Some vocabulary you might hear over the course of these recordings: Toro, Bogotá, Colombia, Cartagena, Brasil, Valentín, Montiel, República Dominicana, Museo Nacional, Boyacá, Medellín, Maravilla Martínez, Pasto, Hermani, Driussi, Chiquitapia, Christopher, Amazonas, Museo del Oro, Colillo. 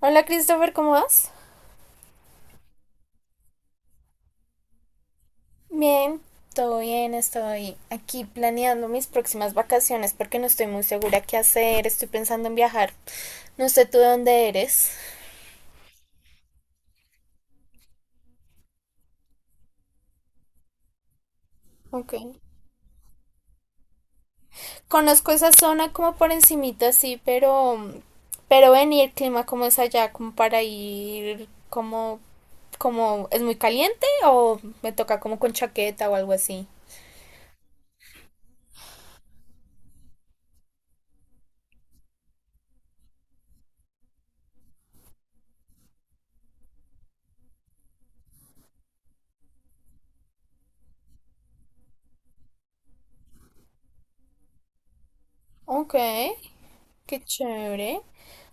Hola Christopher, ¿cómo vas? Bien, todo bien, estoy aquí planeando mis próximas vacaciones porque no estoy muy segura qué hacer, estoy pensando en viajar. No sé tú de dónde eres. Ok. Conozco esa zona como por encimita, sí, pero ven y el clima cómo es allá, como para ir como es muy caliente o me toca como con chaqueta o algo así. Ok, qué chévere.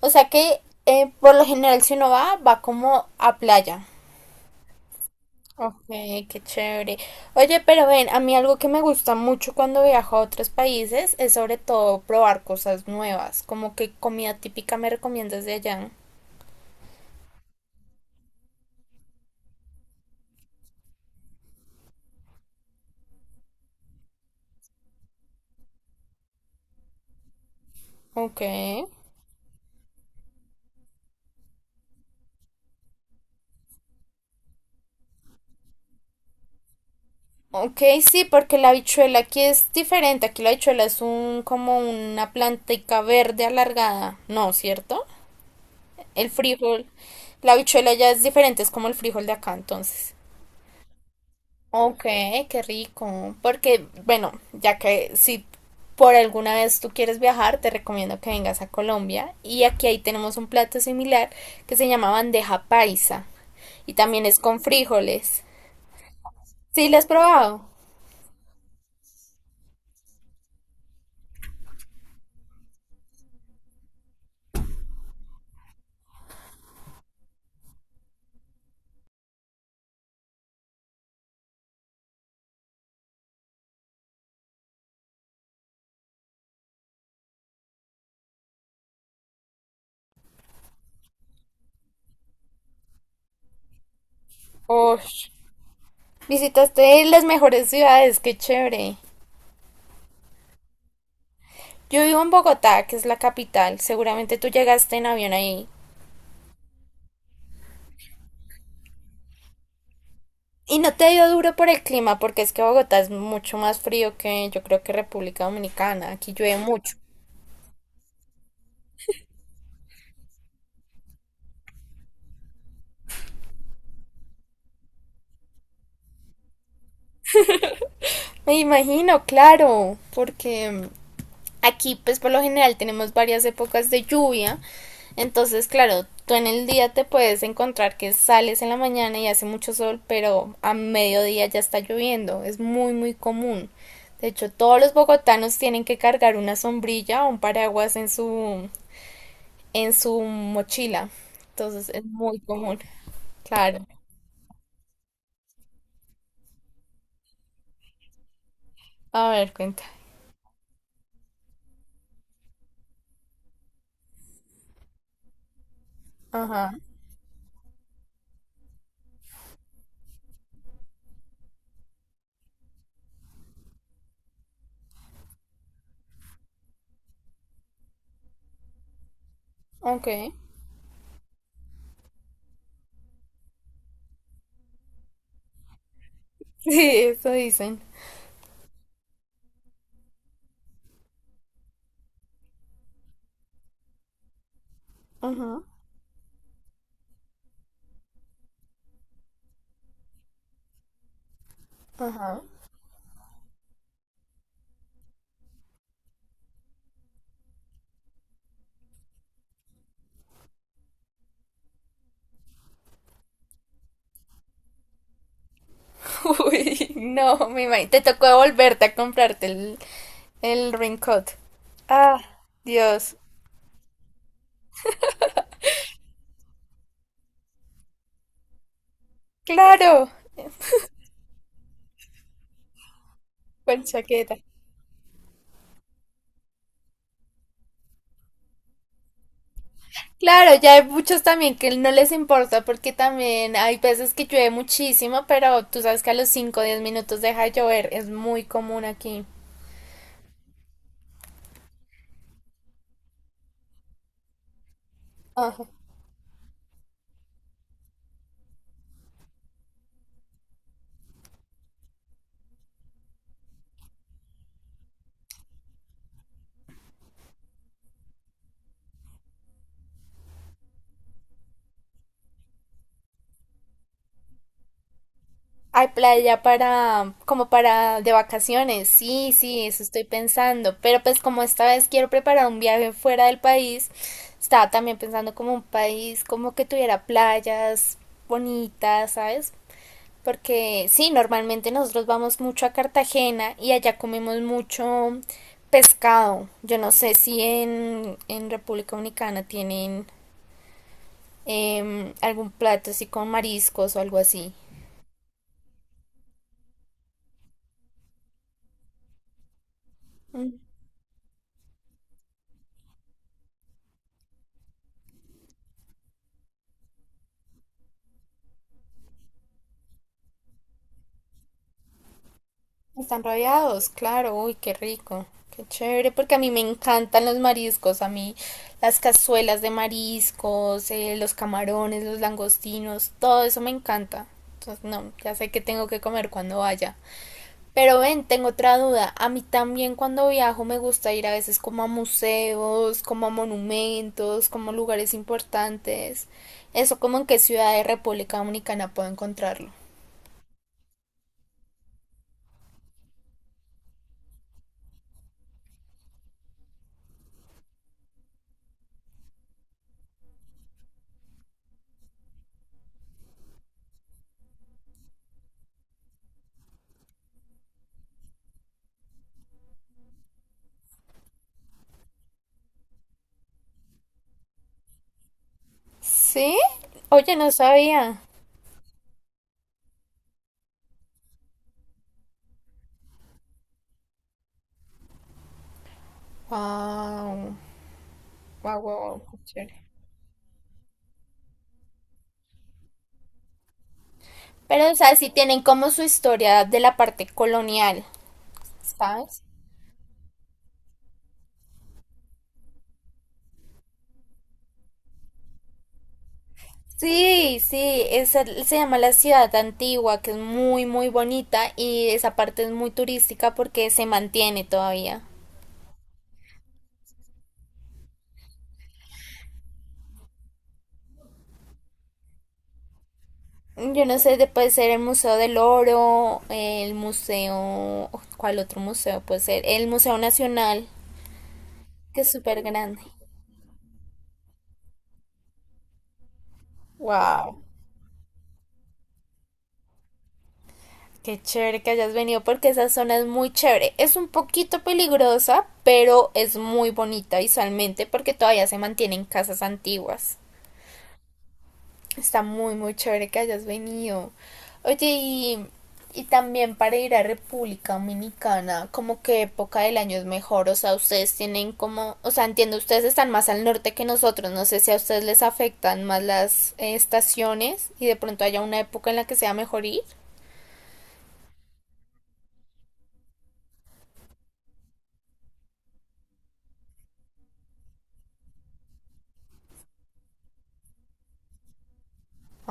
O sea que por lo general si uno va, va como a playa. Ok, qué chévere. Oye, pero ven, a mí algo que me gusta mucho cuando viajo a otros países es sobre todo probar cosas nuevas, como que comida típica me recomiendas de allá. Ok. Ok, sí, porque la habichuela aquí es diferente. Aquí la habichuela es un como una plantica verde alargada, ¿no? ¿Cierto? El frijol, la habichuela ya es diferente, es como el frijol de acá, entonces. Ok, qué rico. Porque, bueno, ya que si por alguna vez tú quieres viajar, te recomiendo que vengas a Colombia. Y aquí ahí tenemos un plato similar que se llama bandeja paisa. Y también es con frijoles. ¿Sí, lo has probado? Ush, visitaste las mejores ciudades, qué chévere. Yo vivo en Bogotá, que es la capital. Seguramente tú llegaste en avión ahí. Y no te dio duro por el clima, porque es que Bogotá es mucho más frío que yo creo que República Dominicana. Aquí llueve mucho. Me imagino, claro, porque aquí pues por lo general tenemos varias épocas de lluvia, entonces claro, tú en el día te puedes encontrar que sales en la mañana y hace mucho sol, pero a mediodía ya está lloviendo, es muy muy común. De hecho, todos los bogotanos tienen que cargar una sombrilla o un paraguas en su mochila. Entonces, es muy común. Claro. A ver, cuenta. Ajá. Ok. Sí, eso dicen. Ajá. Ajá. Uy, no, mi madre. Te tocó volverte a comprarte el raincoat. Ah, Dios. Claro, con chaqueta. Claro, ya hay muchos también que no les importa porque también hay veces que llueve muchísimo, pero tú sabes que a los 5, o 10 minutos deja de llover. Es muy común aquí. Hay playa para, como para de vacaciones, sí, sí, eso estoy pensando, pero pues como esta vez quiero preparar un viaje fuera del país, estaba también pensando como un país como que tuviera playas bonitas, ¿sabes? Porque sí, normalmente nosotros vamos mucho a Cartagena y allá comemos mucho pescado. Yo no sé si en República Dominicana tienen algún plato así con mariscos o algo así. Están rabiados, claro, uy, qué rico, qué chévere, porque a mí me encantan los mariscos, a mí las cazuelas de mariscos, los camarones, los langostinos, todo eso me encanta. Entonces, no, ya sé que tengo que comer cuando vaya. Pero ven, tengo otra duda, a mí también cuando viajo me gusta ir a veces como a museos, como a monumentos, como a lugares importantes. Eso como en qué ciudad de República Dominicana puedo encontrarlo. ¿Sí? Oye, no sabía. Wow, wow, wow, wow, qué chévere. Pero, o sea, sí tienen como su historia de la parte colonial. ¿Sabes? Sí, sí, esa se llama la ciudad antigua, que es muy, muy bonita y esa parte es muy turística porque se mantiene todavía. Yo no sé, puede ser el Museo del Oro, el museo, ¿cuál otro museo puede ser? El Museo Nacional, que es súper grande. Wow. Qué chévere que hayas venido porque esa zona es muy chévere. Es un poquito peligrosa, pero es muy bonita visualmente porque todavía se mantienen casas antiguas. Está muy, muy chévere que hayas venido. Oye, y también para ir a República Dominicana, ¿como qué época del año es mejor? O sea, ustedes tienen como, o sea, entiendo, ustedes están más al norte que nosotros. No sé si a ustedes les afectan más las estaciones y de pronto haya una época en la que sea mejor ir.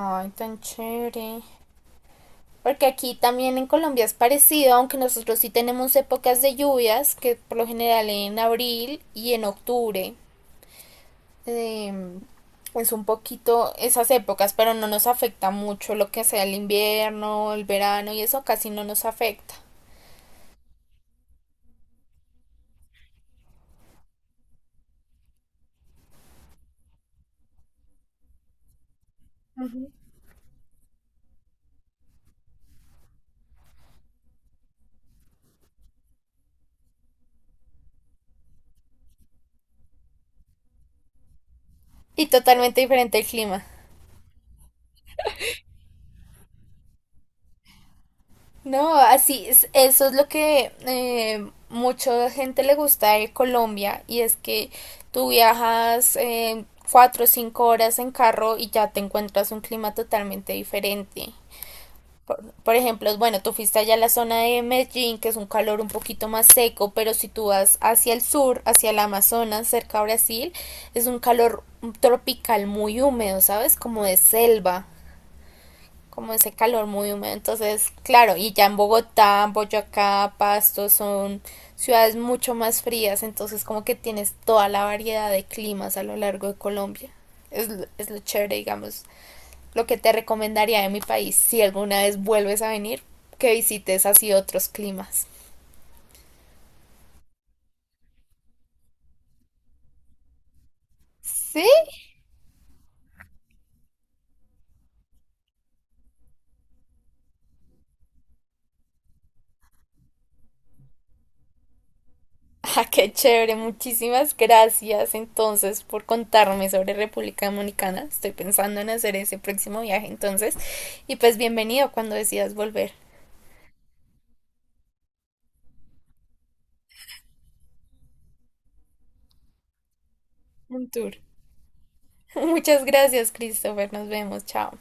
Ay, tan chévere. Porque aquí también en Colombia es parecido, aunque nosotros sí tenemos épocas de lluvias, que por lo general en abril y en octubre. eh, es un poquito esas épocas, pero no nos afecta mucho lo que sea el invierno, el verano y eso casi no nos afecta. Ujú. Y totalmente diferente el clima. No, así es, eso es lo que mucha gente le gusta de Colombia y es que tú viajas cuatro o cinco horas en carro y ya te encuentras un clima totalmente diferente. Por ejemplo, bueno, tú fuiste allá a la zona de Medellín, que es un calor un poquito más seco, pero si tú vas hacia el sur, hacia el Amazonas, cerca a Brasil, es un calor tropical muy húmedo, ¿sabes? Como de selva como ese calor muy húmedo. Entonces, claro, y ya en Bogotá, Boyacá, Pasto son ciudades mucho más frías, entonces como que tienes toda la variedad de climas a lo largo de Colombia. Es, es lo chévere, digamos, lo que te recomendaría de mi país si alguna vez vuelves a venir, que visites así otros climas. Sí, ah, qué chévere, muchísimas gracias entonces por contarme sobre República Dominicana. Estoy pensando en hacer ese próximo viaje entonces. Y pues bienvenido cuando decidas volver. Un tour. Muchas gracias, Christopher. Nos vemos. Chao.